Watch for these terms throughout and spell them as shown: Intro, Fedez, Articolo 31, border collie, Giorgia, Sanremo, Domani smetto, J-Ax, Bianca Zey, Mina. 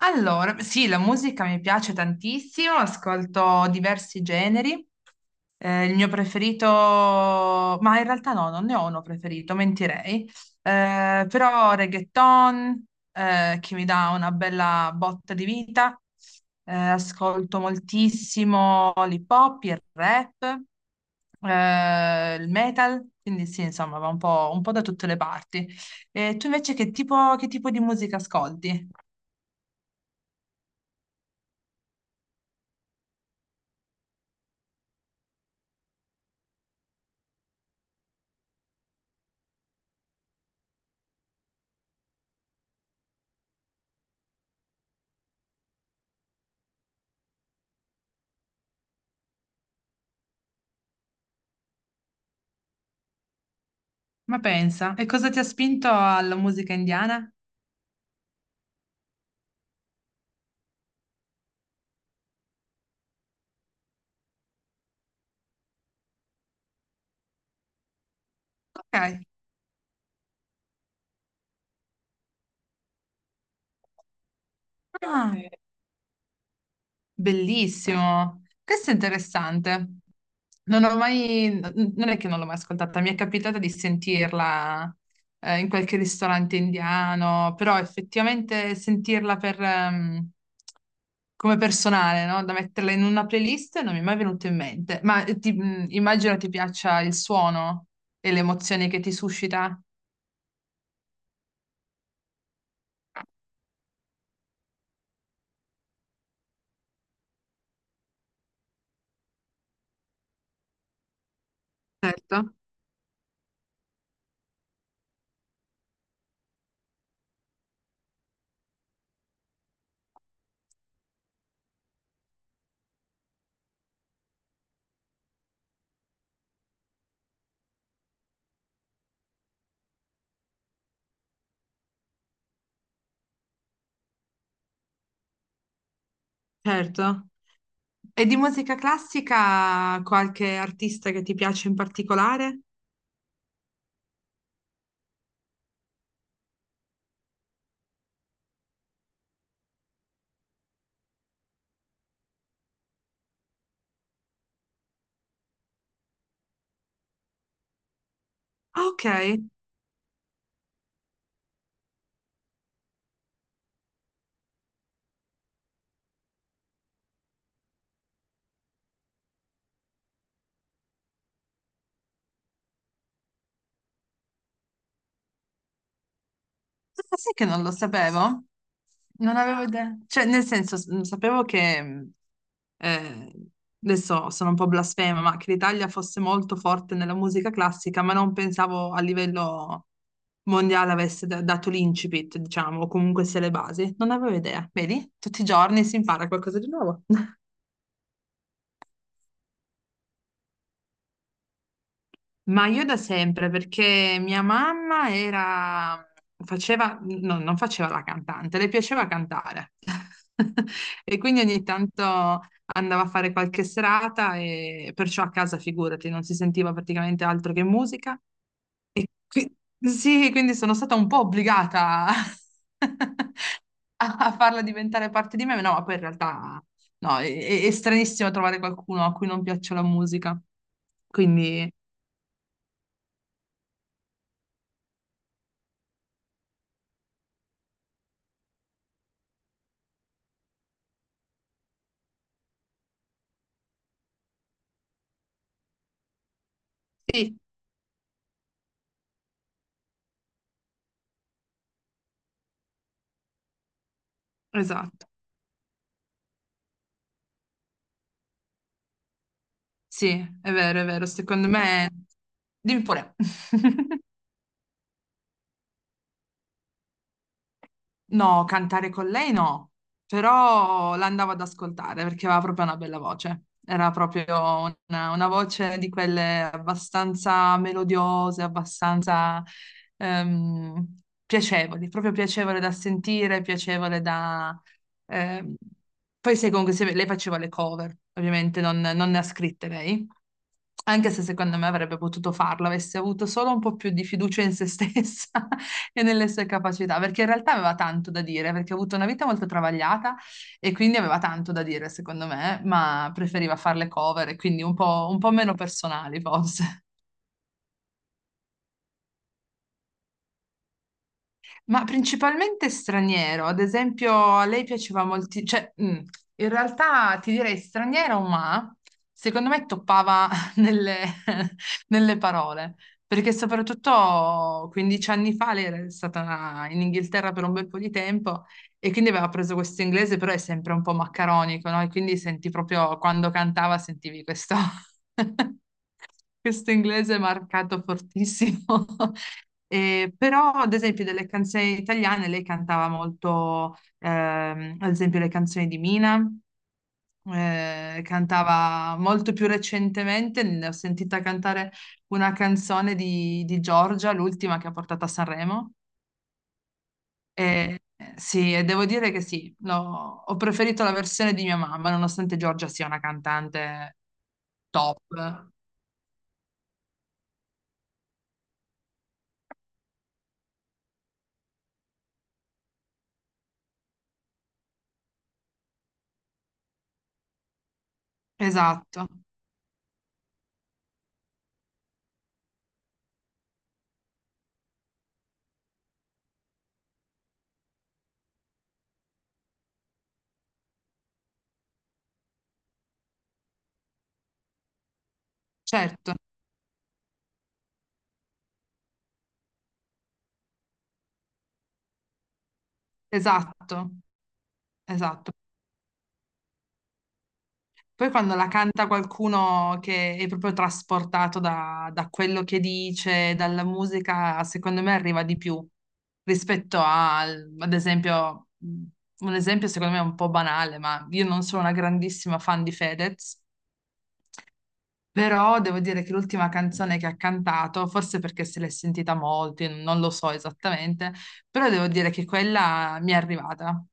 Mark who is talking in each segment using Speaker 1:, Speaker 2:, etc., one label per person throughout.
Speaker 1: Allora, sì, la musica mi piace tantissimo, ascolto diversi generi. Il mio preferito, ma in realtà no, non ne ho uno preferito, mentirei. Però reggaeton, che mi dà una bella botta di vita. Ascolto moltissimo l'hip hop, il rap, il metal, quindi sì, insomma, va un po' da tutte le parti. E tu invece che tipo di musica ascolti? Ma pensa, e cosa ti ha spinto alla musica indiana? Ok, ah, bellissimo. Questo è interessante. Non è che non l'ho mai ascoltata, mi è capitata di sentirla in qualche ristorante indiano, però effettivamente sentirla per, come personale, no? Da metterla in una playlist non mi è mai venuto in mente. Ma immagino ti piaccia il suono e le emozioni che ti suscita. Certo, certo. E di musica classica qualche artista che ti piace in particolare? Ah, ok. Ah, sai che non lo sapevo? Non avevo idea. Cioè, nel senso, sapevo che, eh, adesso sono un po' blasfema, ma che l'Italia fosse molto forte nella musica classica, ma non pensavo a livello mondiale avesse dato l'incipit, diciamo, o comunque sia le basi. Non avevo idea. Vedi? Tutti i giorni si impara qualcosa di nuovo. Ma io da sempre, perché faceva, no, non faceva la cantante, le piaceva cantare. E quindi ogni tanto andava a fare qualche serata e perciò a casa, figurati, non si sentiva praticamente altro che musica. E qui- sì, quindi sono stata un po' obbligata a farla diventare parte di me, no, ma no, poi in realtà no, è stranissimo trovare qualcuno a cui non piaccia la musica. Quindi sì, esatto. Sì, è vero, secondo me... Dimmi pure. No, cantare con lei no, però l'andavo ad ascoltare perché aveva proprio una bella voce. Era proprio una voce di quelle abbastanza melodiose, abbastanza piacevoli, proprio piacevole da sentire, piacevole da... ehm. Poi se comunque se- lei faceva le cover, ovviamente non, non ne ha scritte lei, anche se secondo me avrebbe potuto farlo, avesse avuto solo un po' più di fiducia in se stessa e nelle sue capacità, perché in realtà aveva tanto da dire, perché ha avuto una vita molto travagliata e quindi aveva tanto da dire, secondo me, ma preferiva fare le cover e quindi un po' meno personali, forse. Ma principalmente straniero, ad esempio a lei piaceva molti, cioè in realtà ti direi straniero, ma secondo me toppava nelle, nelle parole, perché soprattutto 15 anni fa lei era stata in Inghilterra per un bel po' di tempo e quindi aveva preso questo inglese, però è sempre un po' maccaronico, no? E quindi senti proprio quando cantava sentivi questo. Questo inglese è marcato fortissimo. Però, ad esempio, delle canzoni italiane lei cantava molto, ad esempio, le canzoni di Mina, cantava molto più recentemente, ne ho sentita cantare una canzone di Giorgia, l'ultima che ha portato a Sanremo. Eh, sì, e devo dire che sì, ho preferito la versione di mia mamma, nonostante Giorgia sia una cantante top. Esatto, certo, esatto. Esatto. Poi quando la canta qualcuno che è proprio trasportato da, da quello che dice, dalla musica, secondo me arriva di più rispetto al, ad esempio, un esempio secondo me è un po' banale, ma io non sono una grandissima fan di Fedez, però devo dire che l'ultima canzone che ha cantato, forse perché se l'è sentita molto, io non lo so esattamente, però devo dire che quella mi è arrivata.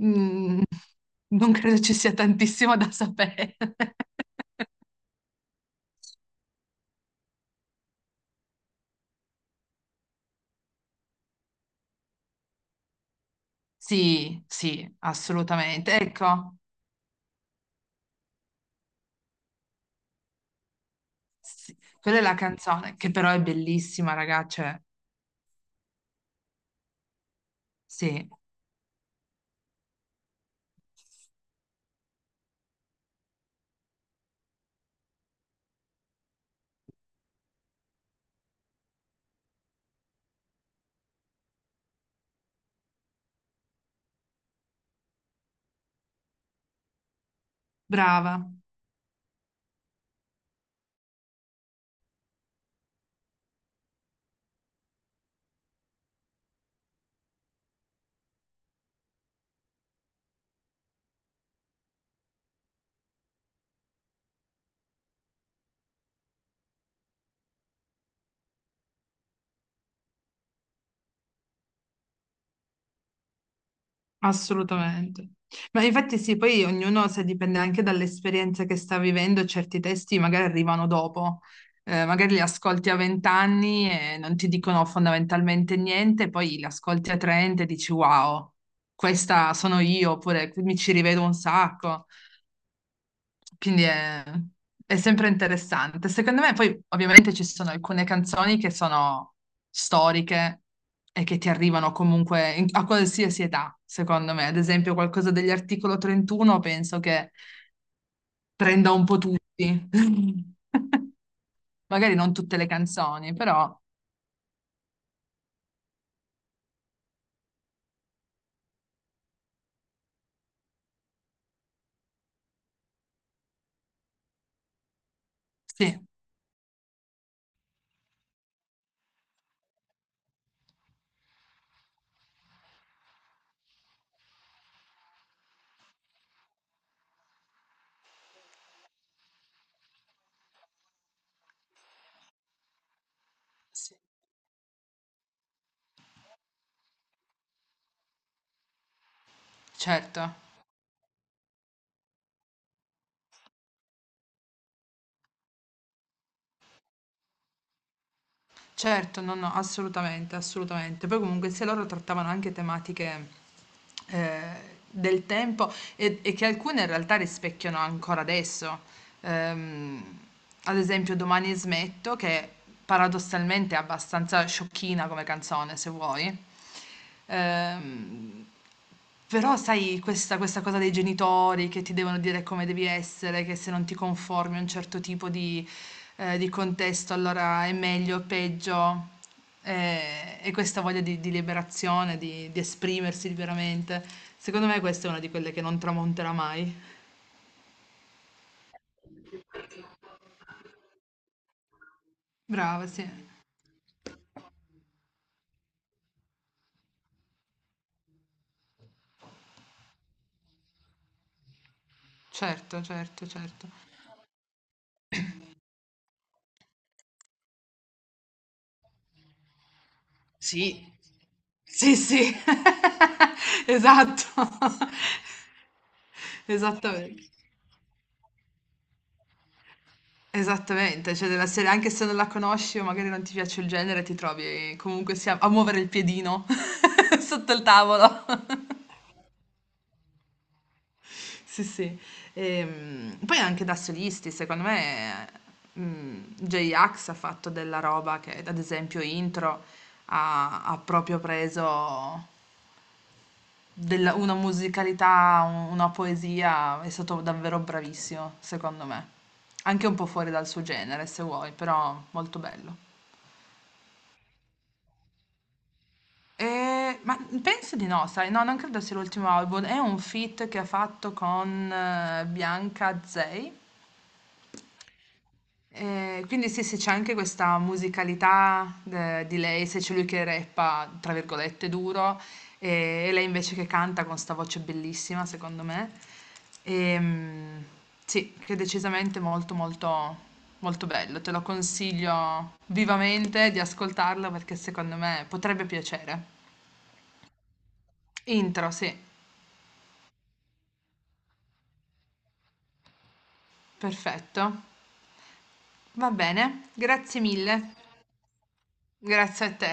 Speaker 1: Mm, non credo ci sia tantissimo da sapere. Sì, sì, assolutamente. Ecco, sì, quella è la canzone, che però è bellissima, ragazze. Cioè, sì, brava. Assolutamente. Ma infatti sì, poi ognuno, se dipende anche dall'esperienza che sta vivendo, certi testi magari arrivano dopo. Magari li ascolti a 20 anni e non ti dicono fondamentalmente niente, poi li ascolti a 30 e dici wow, questa sono io, oppure mi ci rivedo un sacco. Quindi è, è sempre interessante. Secondo me, poi ovviamente ci sono alcune canzoni che sono storiche e che ti arrivano comunque a qualsiasi età, secondo me. Ad esempio, qualcosa degli articolo 31 penso che prenda un po' tutti. Magari non tutte le canzoni, però sì. Sì, certo. Certo, no, no, assolutamente, assolutamente. Poi comunque sia loro trattavano anche tematiche eh, del tempo e che alcune in realtà rispecchiano ancora adesso. Ehm, Ad esempio, Domani smetto, che paradossalmente è abbastanza sciocchina come canzone, se vuoi. Ehm, Però, sai, questa cosa dei genitori che ti devono dire come devi essere, che se non ti conformi a un certo tipo di contesto, allora è meglio o peggio. Eh, Questa voglia di liberazione, di esprimersi liberamente, secondo me questa è una di quelle che non tramonterà mai. Brava, sì. Certo, certo, certo. Sì. Sì, sì, esatto, esattamente, esattamente, cioè della serie, anche se non la conosci o magari non ti piace il genere, ti trovi comunque sia a muovere il piedino sotto il tavolo. Sì, sì. Poi anche da solisti, secondo me, J-Ax ha fatto della roba che, ad esempio, Intro ha proprio preso Della una musicalità, u una poesia, è stato davvero bravissimo, secondo me. Anche un po' fuori dal suo genere, se vuoi, però molto bello. E... Ma penso di no, sai, no, non credo sia l'ultimo album. È un feat che ha fatto con Bianca Zey. Quindi sì, sì, c'è anche questa musicalità de di lei, se c'è lui che "rappa" tra virgolette duro, e lei invece che canta con 'sta voce bellissima secondo me. Ehm, sì, che è decisamente molto bello. Te lo consiglio vivamente di ascoltarlo perché secondo me potrebbe piacere. Intro, sì, perfetto. Va bene, grazie mille. Grazie a te.